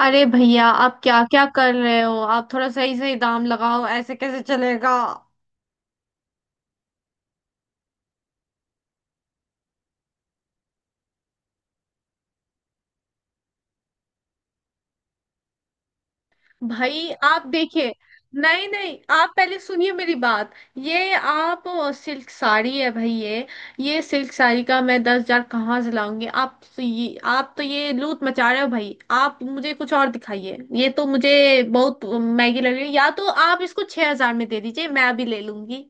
अरे भैया, आप क्या क्या कर रहे हो? आप थोड़ा सही सही दाम लगाओ, ऐसे कैसे चलेगा? भाई, आप देखिए। नहीं नहीं, आप पहले सुनिए मेरी बात। ये आप सिल्क साड़ी है भाई ये। ये सिल्क साड़ी का मैं 10,000 कहाँ से लाऊंगी? आप तो ये लूट मचा रहे हो भाई। आप मुझे कुछ और दिखाइए, ये तो मुझे बहुत महंगी लग रही है। या तो आप इसको 6,000 में दे दीजिए, मैं अभी ले लूंगी।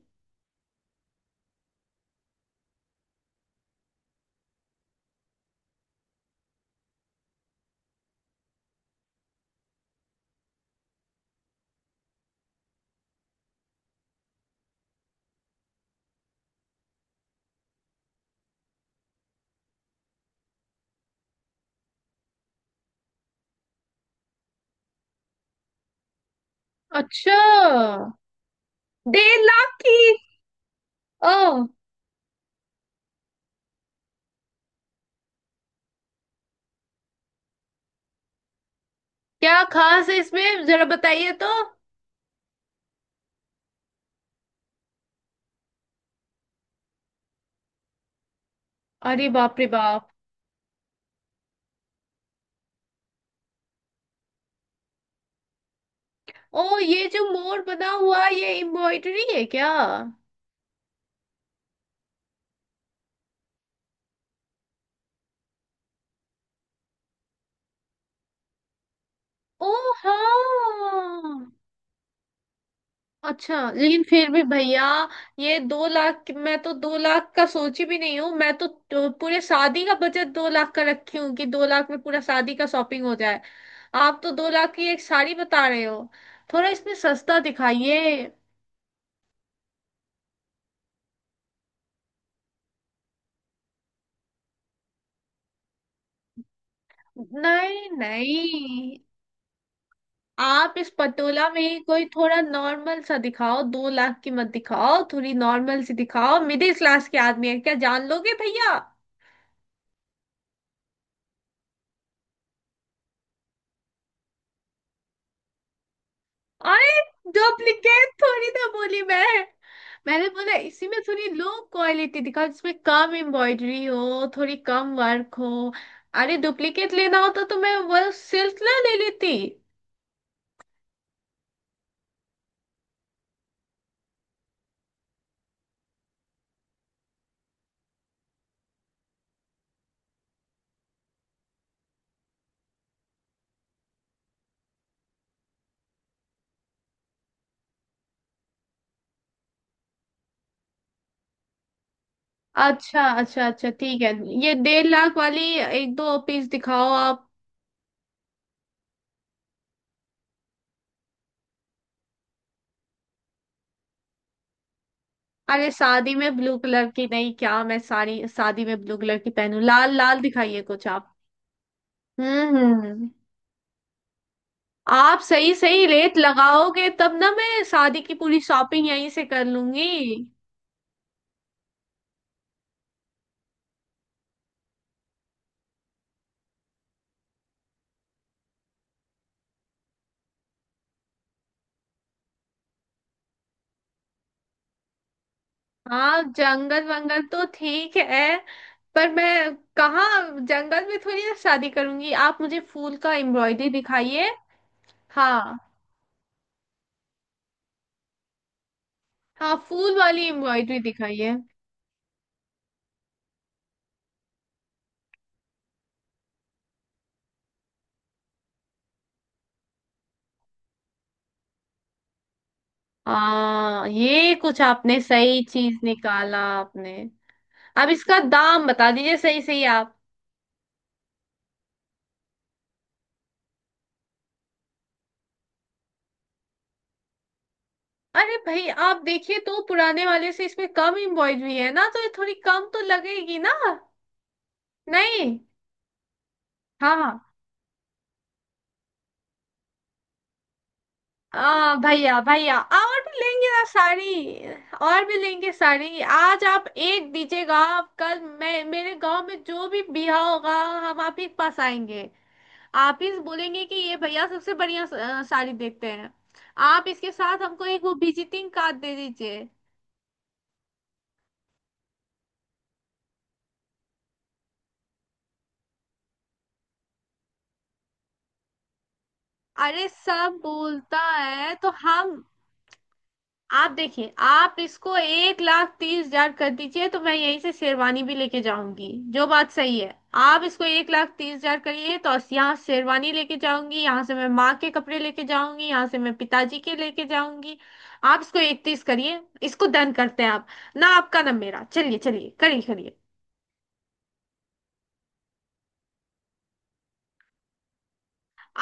अच्छा। 1,50,000 की? ओ। क्या खास है इसमें, जरा बताइए तो। अरे बाप रे बाप। ओ, ये जो मोर बना हुआ है, ये एम्ब्रॉयडरी है क्या? ओ। हाँ। अच्छा, लेकिन फिर भी भैया। ये 2,00,000, मैं तो 2,00,000 का सोची भी नहीं हूँ। मैं तो पूरे शादी का बजट 2,00,000 का रखी हूँ कि 2,00,000 में पूरा शादी का शॉपिंग हो जाए। आप तो 2,00,000 की एक साड़ी बता रहे हो। थोड़ा इसमें सस्ता दिखाइए। नहीं नहीं, आप इस पटोला में ही कोई थोड़ा नॉर्मल सा दिखाओ। 2,00,000 की मत दिखाओ, थोड़ी नॉर्मल सी दिखाओ। मिडिल क्लास के आदमी है, क्या जान लोगे भैया? अरे, डुप्लीकेट थोड़ी ना बोली मैं। मैंने बोला इसी में थोड़ी लो क्वालिटी दिखाओ, जिसमें कम एम्ब्रॉयडरी हो, थोड़ी कम वर्क हो। अरे डुप्लीकेट लेना होता तो मैं वो सिल्क ना ले लेती। अच्छा अच्छा अच्छा, ठीक है। ये 1,50,000 वाली एक दो पीस दिखाओ आप। अरे, शादी में ब्लू कलर की नहीं! क्या मैं सारी शादी में ब्लू कलर की पहनूं? लाल लाल दिखाइए कुछ आप। हम्म। आप सही सही रेट लगाओगे तब ना मैं शादी की पूरी शॉपिंग यहीं से कर लूंगी। हाँ, जंगल वंगल तो ठीक है। पर मैं कहाँ जंगल में थोड़ी ना शादी करूंगी? आप मुझे फूल का एम्ब्रॉयडरी दिखाइए। हाँ हाँ, फूल वाली एम्ब्रॉयडरी दिखाइए। हाँ, ये कुछ आपने सही चीज निकाला आपने। अब इसका दाम बता दीजिए सही सही आप। अरे भाई, आप देखिए तो, पुराने वाले से इसमें कम एम्ब्रॉयडरी है ना, तो ये थोड़ी कम तो लगेगी ना। नहीं। हाँ हाँ। भैया भैया, और भी लेंगे ना साड़ी। और भी लेंगे साड़ी। आज आप एक दीजिएगा, आप कल मैं मेरे गांव में जो भी ब्याह होगा, हम आप ही के पास आएंगे। आप ही से बोलेंगे कि ये भैया सबसे बढ़िया साड़ी देखते हैं। आप इसके साथ हमको एक वो विजिटिंग कार्ड दे दीजिए। अरे, सब बोलता है तो हम। आप देखिए, आप इसको 1,30,000 कर दीजिए तो मैं यहीं से शेरवानी भी लेके जाऊंगी, जो बात सही है। आप इसको एक लाख तीस हजार करिए तो यहाँ शेरवानी लेके जाऊंगी, यहाँ से मैं माँ के कपड़े लेके जाऊंगी, यहाँ से मैं पिताजी के लेके जाऊंगी। आप इसको इकतीस करिए, इसको डन करते हैं आप। ना आपका ना मेरा, चलिए चलिए करिए करिए।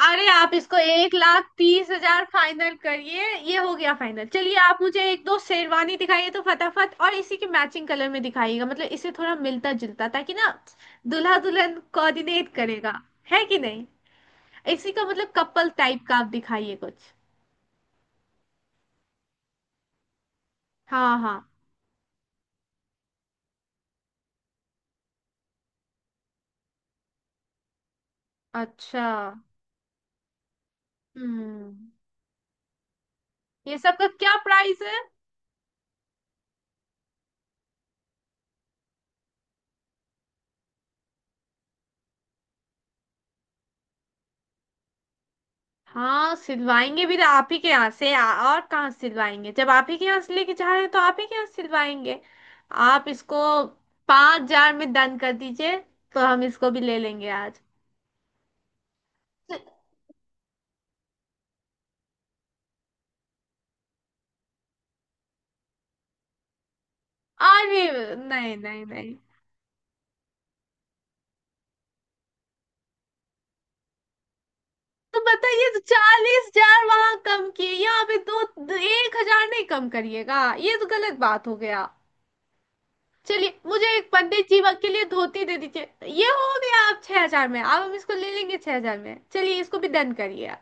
अरे, आप इसको एक लाख तीस हजार फाइनल करिए। ये हो गया फाइनल। चलिए, आप मुझे एक दो शेरवानी दिखाइए तो फटाफट, और इसी के मैचिंग कलर में दिखाइएगा, मतलब इसे थोड़ा मिलता जुलता, ताकि ना दूल्हा दुल्हन कोऑर्डिनेट करेगा, है कि नहीं? इसी का मतलब कपल टाइप का आप दिखाइए कुछ। हाँ हाँ। अच्छा। हम्म। ये सब का क्या प्राइस है? हाँ, सिलवाएंगे भी तो आप ही के यहाँ से। और कहाँ से सिलवाएंगे, जब आप ही के यहाँ से लेके जा रहे हैं तो आप ही के यहाँ से सिलवाएंगे। आप इसको 5,000 में दान कर दीजिए, तो हम इसको भी ले लेंगे आज। अरे नहीं नहीं नहीं। तो बताइए तो, 40,000 वहां कम किए, यहाँ पे दो दो- 1,000 नहीं कम करिएगा? ये तो गलत बात हो गया। चलिए, मुझे एक पंडित जी के लिए धोती दे दीजिए। ये हो गया। आप 6,000 में, अब हम इसको ले लेंगे 6,000 में। चलिए इसको भी डन करिए।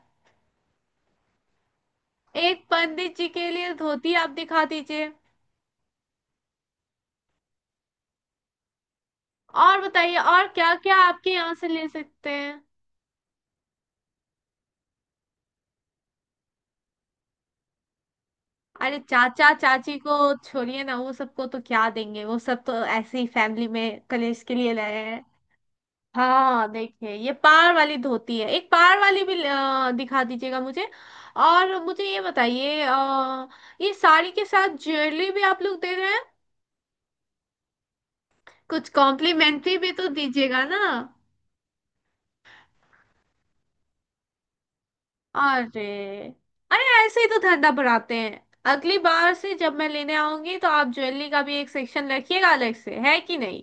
एक पंडित जी के लिए धोती आप दिखा दीजिए। और बताइए, और क्या क्या आपके यहाँ से ले सकते हैं? अरे चाचा चाची को छोड़िए ना, वो सबको तो क्या देंगे? वो सब तो ऐसे ही फैमिली में कलेश के लिए लाए हैं। हाँ देखिए, ये पार वाली धोती है। एक पार वाली भी दिखा दीजिएगा मुझे। और मुझे ये बताइए, ये साड़ी के साथ ज्वेलरी भी आप लोग दे रहे हैं? कुछ कॉम्प्लीमेंट्री भी तो दीजिएगा ना। अरे। अरे ऐसे ही तो धंधा बढ़ाते हैं। अगली बार से जब मैं लेने आऊंगी, तो आप ज्वेलरी का भी एक सेक्शन रखिएगा अलग से, है कि नहीं?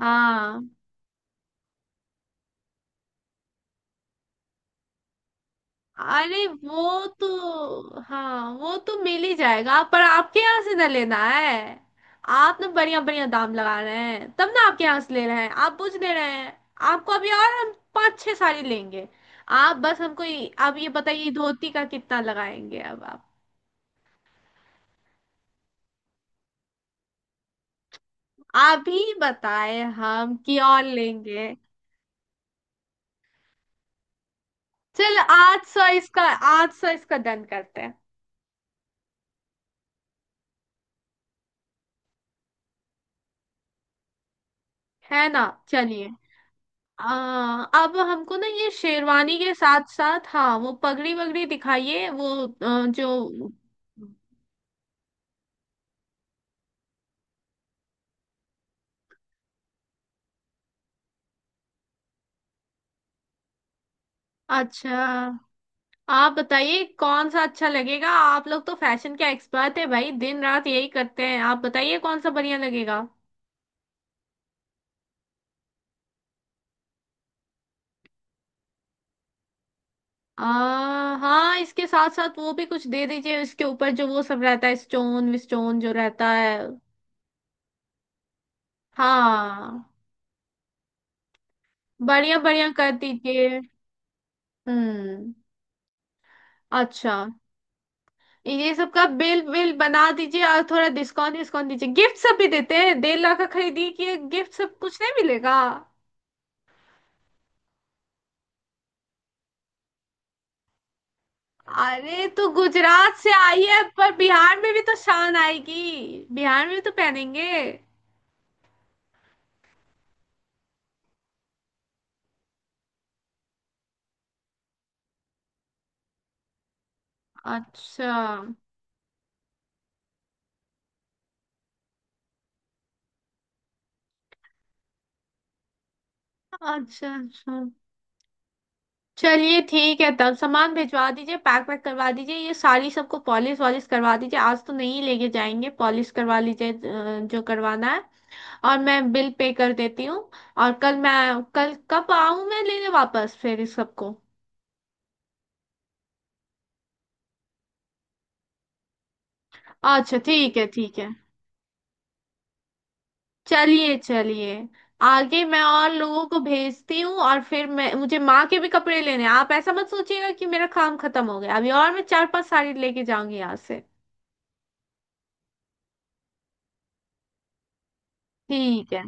हाँ। अरे वो तो, हाँ वो तो मिल ही जाएगा, पर आपके यहाँ से ना लेना है। आप ना बढ़िया बढ़िया दाम लगा रहे हैं तब ना आपके यहाँ से ले रहे हैं, आप पूछ ले रहे हैं। आपको अभी और हम पाँच छह साड़ी लेंगे। आप बस हमको आप ये बताइए, धोती का कितना लगाएंगे अब आप? आप ही बताएं, हम कि और लेंगे। चल 800 इसका। आठ सौ इसका डन करते हैं। है ना, चलिए। अब हमको ना ये शेरवानी के साथ साथ, हाँ वो पगड़ी वगड़ी दिखाइए, वो जो। अच्छा, आप बताइए कौन सा अच्छा लगेगा। आप लोग तो फैशन के एक्सपर्ट है भाई, दिन रात यही करते हैं। आप बताइए कौन सा बढ़िया लगेगा। आ, हाँ, इसके साथ साथ वो भी कुछ दे दीजिए, इसके ऊपर जो वो सब रहता है, स्टोन विस्टोन जो रहता है। हाँ। बढ़िया बढ़िया कर दीजिए। हम्म। अच्छा। ये सब का बिल बिल बना दीजिए, और थोड़ा डिस्काउंट डिस्काउंट दीजिए। गिफ्ट सब भी देते हैं, डेढ़ लाख का खरीदी कि गिफ्ट सब कुछ नहीं मिलेगा? अरे तो गुजरात से आई है, पर बिहार में भी तो शान आएगी, बिहार में भी तो पहनेंगे। अच्छा अच्छा अच्छा। चलिए ठीक है, तब सामान भिजवा दीजिए, पैक वैक करवा दीजिए, ये सारी सबको पॉलिश वॉलिश करवा दीजिए। आज तो नहीं लेके जाएंगे, पॉलिश करवा लीजिए जो करवाना है। और मैं बिल पे कर देती हूँ। और कल कब आऊँ मैं लेने वापस फिर इस सबको? अच्छा ठीक है ठीक है। चलिए चलिए। आगे मैं और लोगों को भेजती हूँ, और फिर मैं, मुझे माँ के भी कपड़े लेने हैं। आप ऐसा मत सोचिएगा कि मेरा काम खत्म हो गया, अभी और मैं चार पांच साड़ी लेके जाऊंगी यहाँ से। ठीक है।